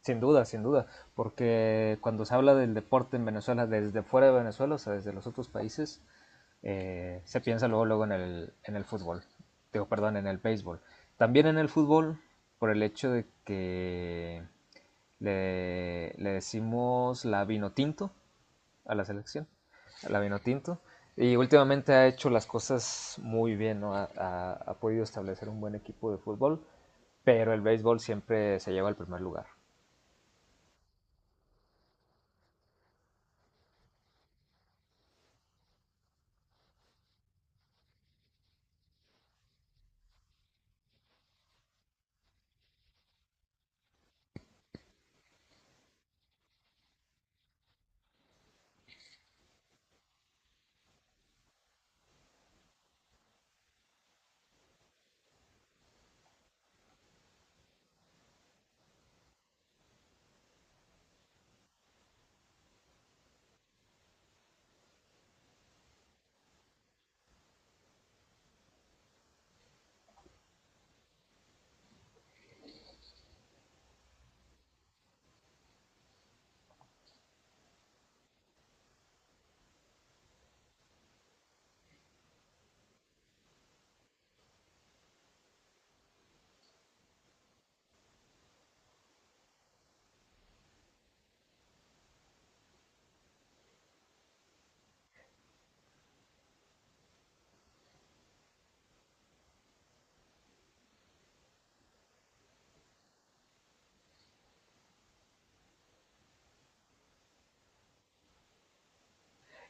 Sin duda, sin duda, porque cuando se habla del deporte en Venezuela desde fuera de Venezuela, o sea, desde los otros países, se piensa luego, luego en el fútbol, digo, perdón, en el béisbol. También en el fútbol, por el hecho de que le decimos la vino tinto a la selección, a la vino tinto, y últimamente ha hecho las cosas muy bien, ¿no? Ha podido establecer un buen equipo de fútbol, pero el béisbol siempre se lleva al primer lugar.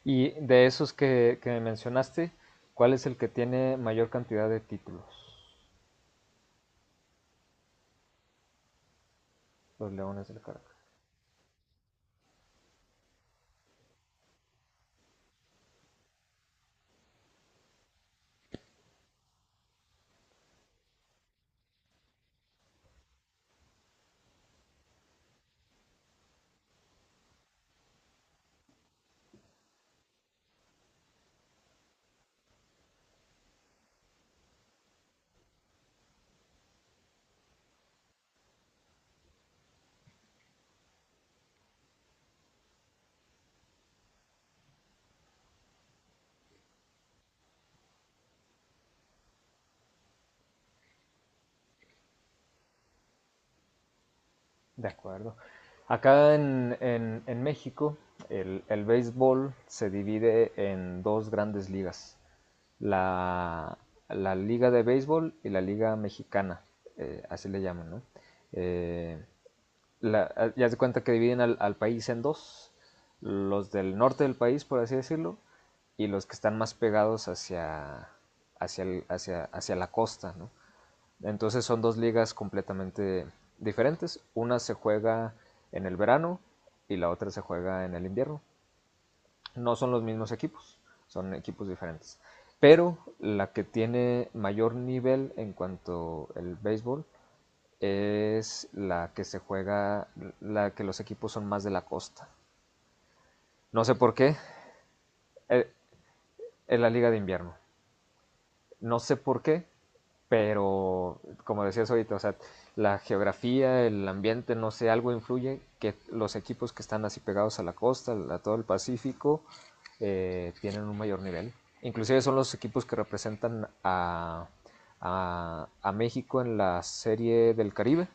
Y de esos que mencionaste, ¿cuál es el que tiene mayor cantidad de títulos? Los Leones del Caracas. De acuerdo. Acá en México, el béisbol se divide en dos grandes ligas. La, la Liga de Béisbol y la Liga Mexicana, así le llaman, ¿no? Eh, ya se cuenta que dividen al país en dos, los del norte del país, por así decirlo, y los que están más pegados hacia la costa, ¿no? Entonces son dos ligas completamente diferentes. Una se juega en el verano y la otra se juega en el invierno. No son los mismos equipos, son equipos diferentes. Pero la que tiene mayor nivel en cuanto al béisbol es la que se juega, la que los equipos son más de la costa. No sé por qué, eh, en la liga de invierno. No sé por qué, pero como decías ahorita, o sea, la geografía, el ambiente, no sé, algo influye que los equipos que están así pegados a la costa, a todo el Pacífico, tienen un mayor nivel. Inclusive son los equipos que representan a México en la serie del Caribe.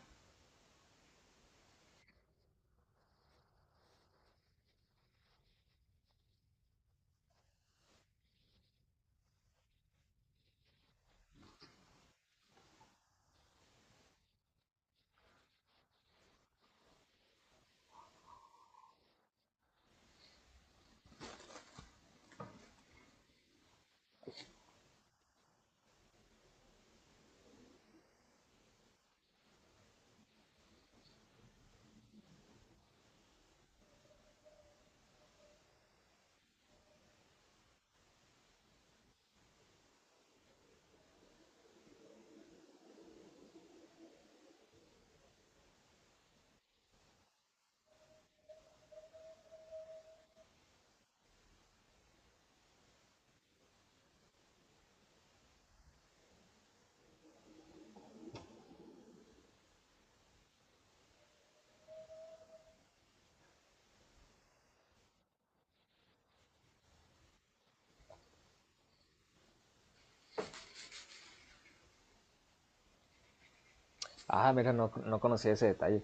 Ah, mira, no, no conocía ese detalle,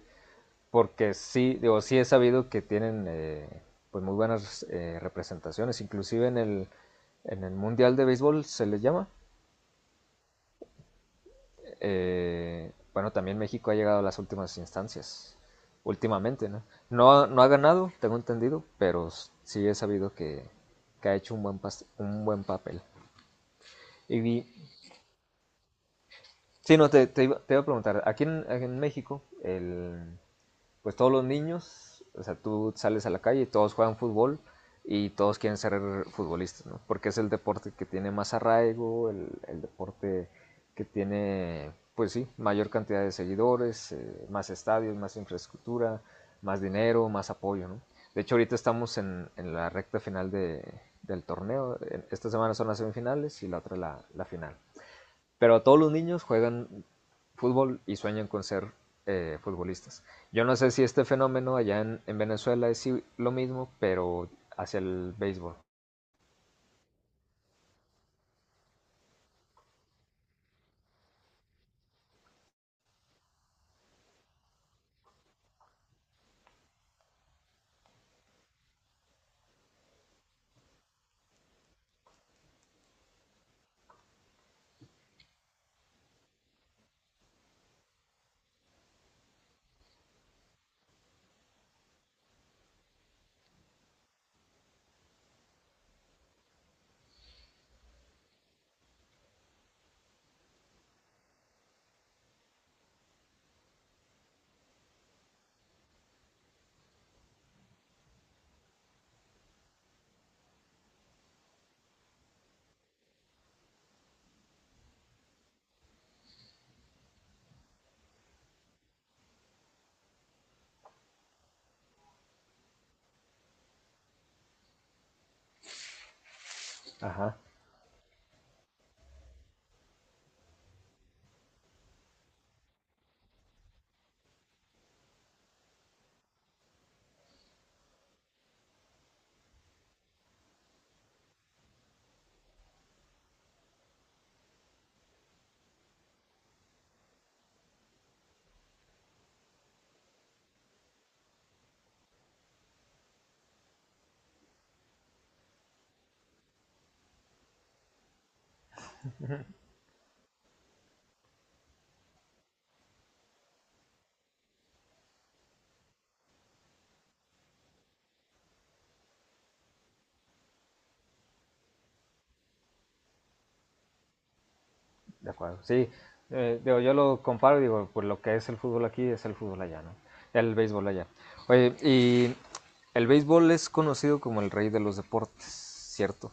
porque sí, digo, sí he sabido que tienen pues muy buenas representaciones, inclusive en el Mundial de Béisbol se les llama. Bueno, también México ha llegado a las últimas instancias, últimamente, ¿no? No, no ha ganado, tengo entendido, pero sí he sabido que ha hecho un buen, pas un buen papel. Y, sí, no, te iba a preguntar, aquí en México el, pues todos los niños, o sea, tú sales a la calle y todos juegan fútbol y todos quieren ser futbolistas, ¿no? Porque es el deporte que tiene más arraigo, el deporte que tiene, pues sí, mayor cantidad de seguidores, más estadios, más infraestructura, más dinero, más apoyo, ¿no? De hecho, ahorita estamos en la recta final de, del torneo. Esta semana son las semifinales y la otra la final. Pero todos los niños juegan fútbol y sueñan con ser futbolistas. Yo no sé si este fenómeno allá en Venezuela es si- lo mismo, pero hacia el béisbol. Ajá, de acuerdo. Sí, digo, yo lo comparo y digo, pues lo que es el fútbol aquí es el fútbol allá, ¿no? El béisbol allá. Oye, y el béisbol es conocido como el rey de los deportes, ¿cierto?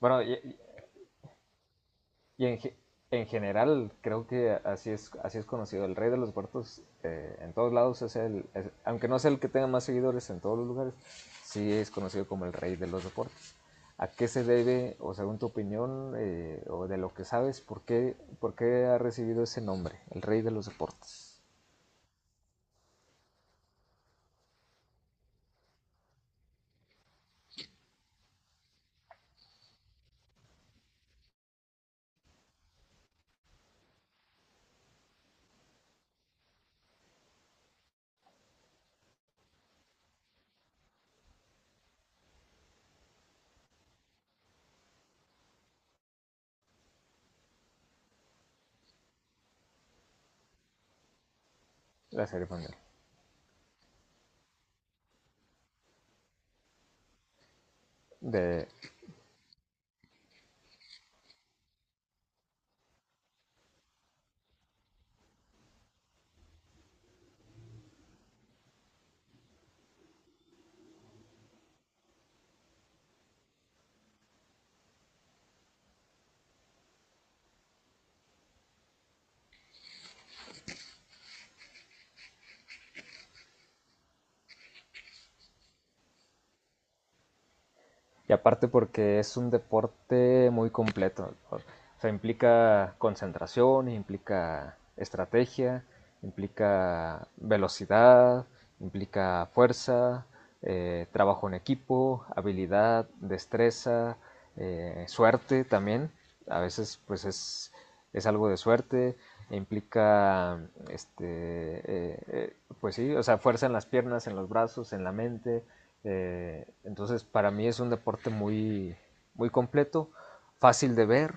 Bueno, y... Y en, ge- en general, creo que así es conocido. El rey de los huertos en todos lados es el, es- aunque no sea el que tenga más seguidores en todos los lugares, sí es conocido como el rey de los deportes. ¿A qué se debe, o según tu opinión, o de lo que sabes, por qué ha recibido ese nombre, el rey de los deportes, la serie mundial, de, y aparte porque es un deporte muy completo? O sea, implica concentración, implica estrategia, implica velocidad, implica fuerza, trabajo en equipo, habilidad, destreza, suerte también. A veces pues es algo de suerte. Implica, este, pues sí, o sea, fuerza en las piernas, en los brazos, en la mente, entonces, para mí es un deporte muy, muy completo, fácil de ver,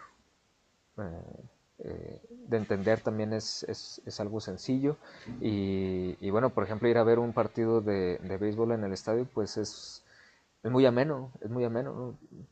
eh, eh, de entender también es algo sencillo. Y, bueno, por ejemplo, ir a ver un partido de béisbol en el estadio, pues es muy ameno, es muy ameno, ¿no?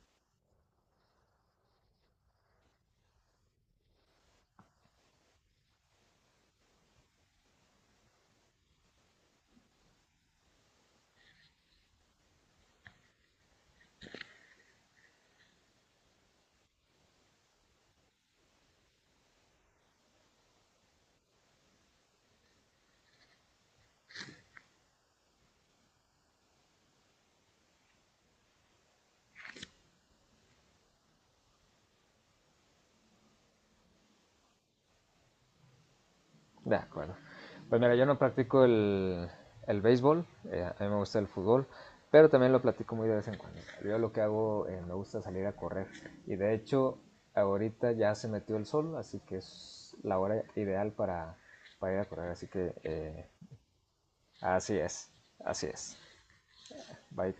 De acuerdo. Pues mira, yo no practico el béisbol, a mí me gusta el fútbol, pero también lo platico muy de vez en cuando. Yo lo que hago, me gusta salir a correr. Y de hecho, ahorita ya se metió el sol, así que es la hora ideal para ir a correr. Así que así es, así es. Bye.